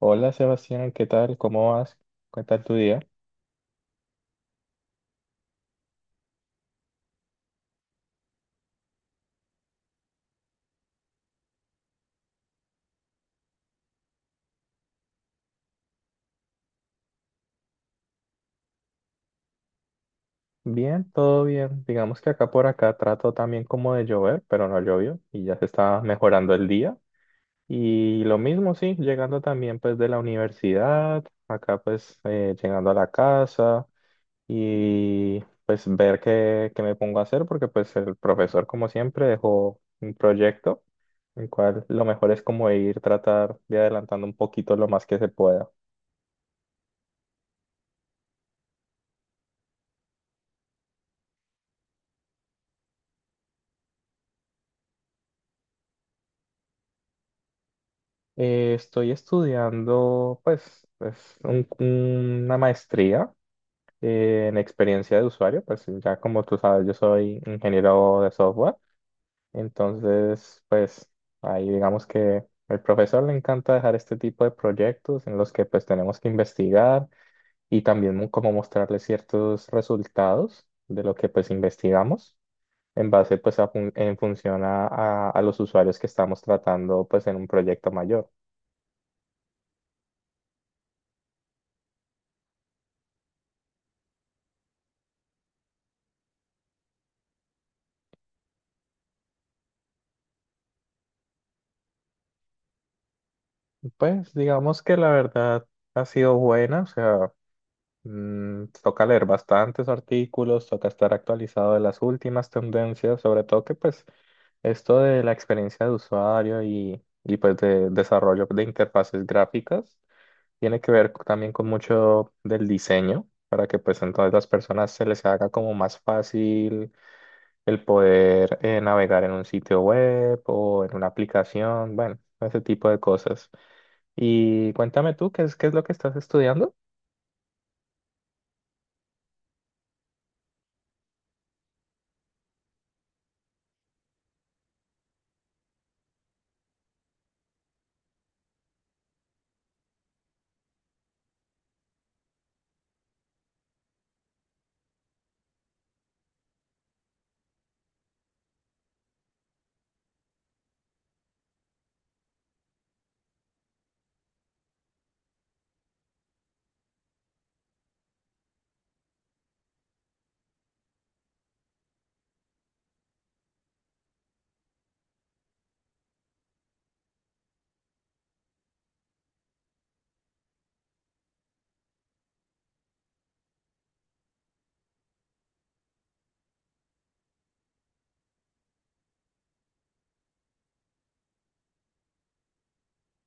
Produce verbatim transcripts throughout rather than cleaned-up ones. Hola Sebastián, ¿qué tal? ¿Cómo vas? ¿Qué tal tu día? Bien, todo bien. Digamos que acá por acá trato también como de llover, pero no llovió y ya se está mejorando el día. Y lo mismo, sí, llegando también pues de la universidad, acá pues eh, llegando a la casa y pues ver qué, qué me pongo a hacer porque pues el profesor como siempre dejó un proyecto, el cual lo mejor es como ir tratar de adelantando un poquito lo más que se pueda. Eh, estoy estudiando, pues, pues un- una maestría eh, en experiencia de usuario, pues ya como tú sabes, yo soy ingeniero de software, entonces, pues ahí digamos que al profesor le encanta dejar este tipo de proyectos en los que pues tenemos que investigar y también mu- como mostrarle ciertos resultados de lo que pues investigamos en base pues a fun- en función a a- a los usuarios que estamos tratando pues en un proyecto mayor. Pues digamos que la verdad ha sido buena, o sea, mm, toca leer bastantes artículos, toca estar actualizado de las últimas tendencias, sobre todo que pues esto de la experiencia de usuario y, y pues de desarrollo de interfaces gráficas tiene que ver también con mucho del diseño, para que pues entonces las personas se les haga como más fácil el poder eh, navegar en un sitio web o en una aplicación, bueno, ese tipo de cosas. Y cuéntame tú, ¿qué es, qué es lo que estás estudiando?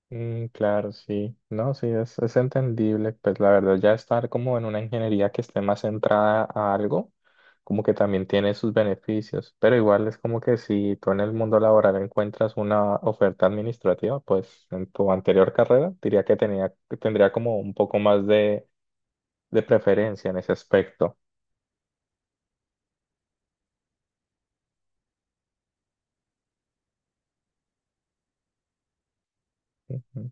Mm, claro, sí, no, sí, es, es entendible, pues la verdad ya estar como en una ingeniería que esté más centrada a algo, como que también tiene sus beneficios, pero igual es como que si tú en el mundo laboral encuentras una oferta administrativa, pues en tu anterior carrera diría que tenía, que tendría como un poco más de, de preferencia en ese aspecto. Ujú,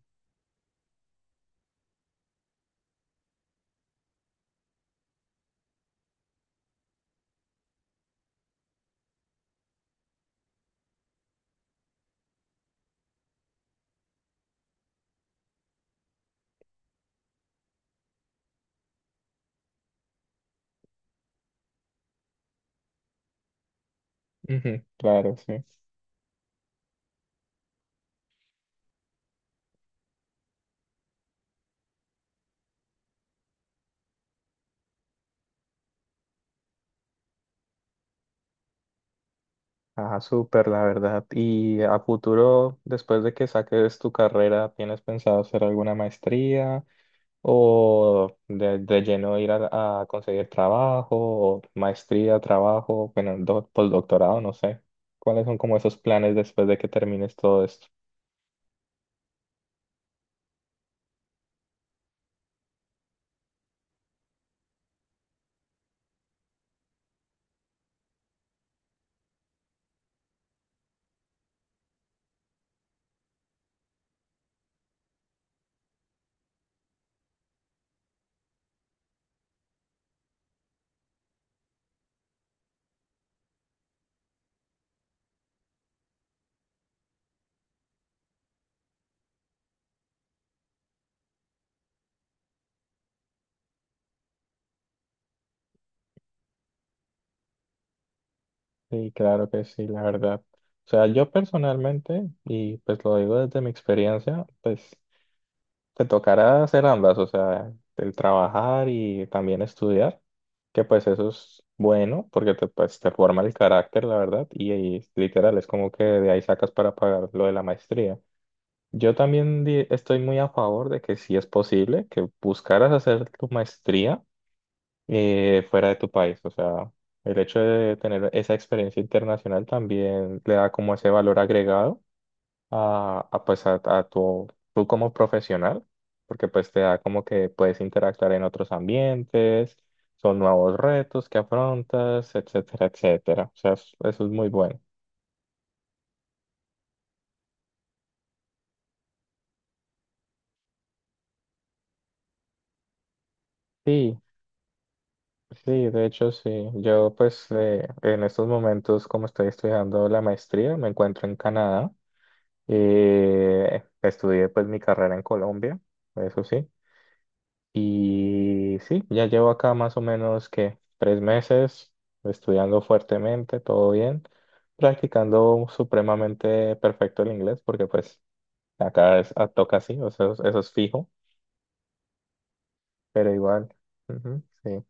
ujú, claro, sí. Ah, súper, la verdad. ¿Y a futuro, después de que saques tu carrera, tienes pensado hacer alguna maestría o de, de lleno ir a, a conseguir trabajo o maestría, trabajo, bueno, do- postdoctorado, no sé? ¿Cuáles son como esos planes después de que termines todo esto? Sí, claro que sí, la verdad. O sea, yo personalmente, y pues lo digo desde mi experiencia, pues te tocará hacer ambas, o sea, el trabajar y también estudiar, que pues eso es bueno porque te, pues, te forma el carácter, la verdad, y, y literal es como que de ahí sacas para pagar lo de la maestría. Yo también di- estoy muy a favor de que si es posible que buscaras hacer tu maestría eh, fuera de tu país, o sea, el hecho de tener esa experiencia internacional también le da como ese valor agregado a, a, pues a, a tu, tú como profesional, porque pues te da como que puedes interactuar en otros ambientes, son nuevos retos que afrontas, etcétera, etcétera. O sea, es- eso es muy bueno. Sí, sí, de hecho sí. Yo pues eh, en estos momentos como estoy estudiando la maestría, me encuentro en Canadá. Eh, estudié pues mi carrera en Colombia, eso sí. Y sí, ya llevo acá más o menos que tres meses estudiando fuertemente, todo bien, practicando supremamente perfecto el inglés, porque pues acá es, a- toca así, o sea, eso, es fijo, pero igual, ujú, sí,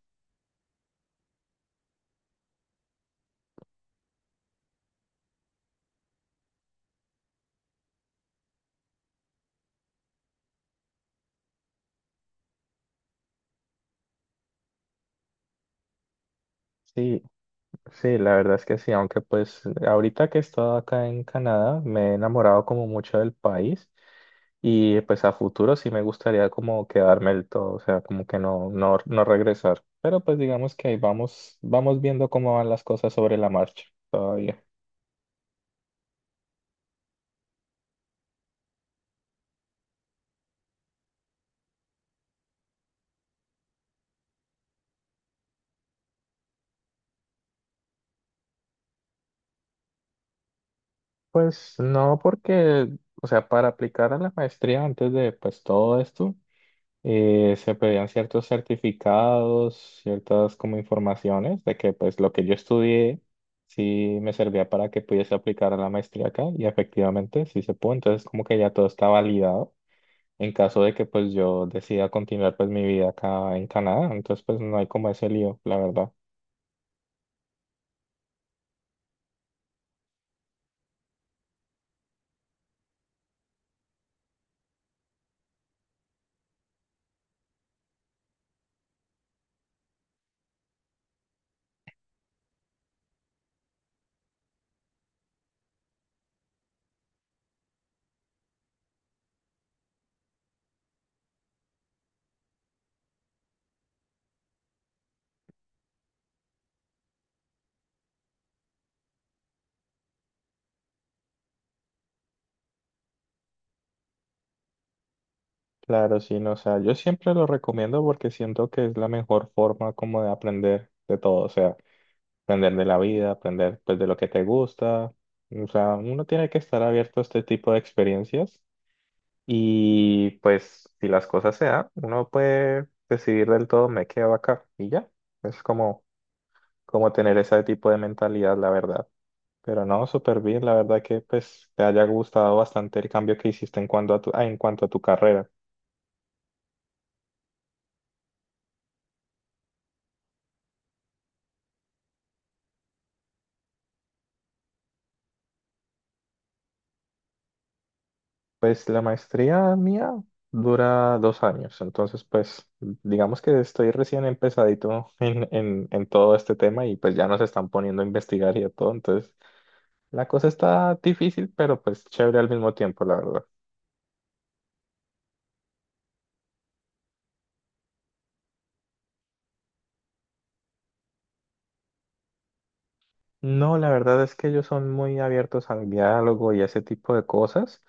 sí, sí, la verdad es que sí, aunque pues ahorita que he estado acá en Canadá, me he enamorado como mucho del país. Y pues a futuro sí me gustaría como quedarme del todo, o sea, como que no, no, no regresar. Pero pues digamos que ahí vamos, vamos viendo cómo van las cosas sobre la marcha todavía. Pues no, porque, o sea, para aplicar a la maestría antes de pues todo esto, eh, se pedían ciertos certificados, ciertas como informaciones de que pues lo que yo estudié sí me servía para que pudiese aplicar a la maestría acá y efectivamente sí se pudo, entonces como que ya todo está validado. En caso de que pues yo decida continuar pues mi vida acá en Canadá, entonces pues no hay como ese lío, la verdad. Claro, sí, no, o sea, yo siempre lo recomiendo porque siento que es la mejor forma como de aprender de todo, o sea, aprender de la vida, aprender pues de lo que te gusta, o sea, uno tiene que estar abierto a este tipo de experiencias y pues si las cosas se dan, uno puede decidir del todo me quedo acá y ya, es como, como tener ese tipo de mentalidad, la verdad. Pero no, súper bien, la verdad que pues te haya gustado bastante el cambio que hiciste en cuanto a tu, ah, en cuanto a tu carrera. Pues la maestría mía dura dos años, entonces pues digamos que estoy recién empezadito en, en, en todo este tema y pues ya nos están poniendo a investigar y a todo, entonces la cosa está difícil, pero pues chévere al mismo tiempo, la verdad. No, la verdad es que ellos son muy abiertos al diálogo y ese tipo de cosas.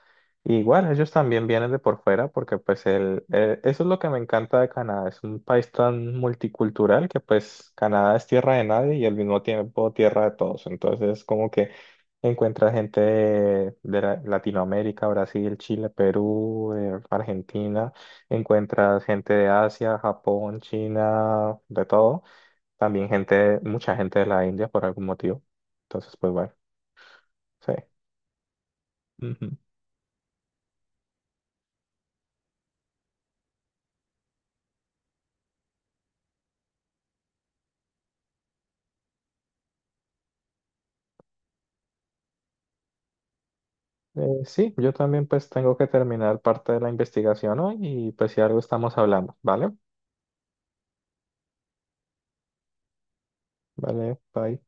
Y igual, ellos también vienen de por fuera porque pues el, eh, eso es lo que me encanta de Canadá. Es un país tan multicultural que pues Canadá es tierra de nadie y al mismo tiempo tierra de todos. Entonces como que encuentra gente de, de la- Latinoamérica, Brasil, Chile, Perú, eh, Argentina. Encuentras gente de Asia, Japón, China, de todo. También gente, mucha gente de la India por algún motivo. Entonces, pues bueno, sí. Ujú. Eh, sí, yo también pues tengo que terminar parte de la investigación hoy y pues si algo estamos hablando, ¿vale? Vale, bye.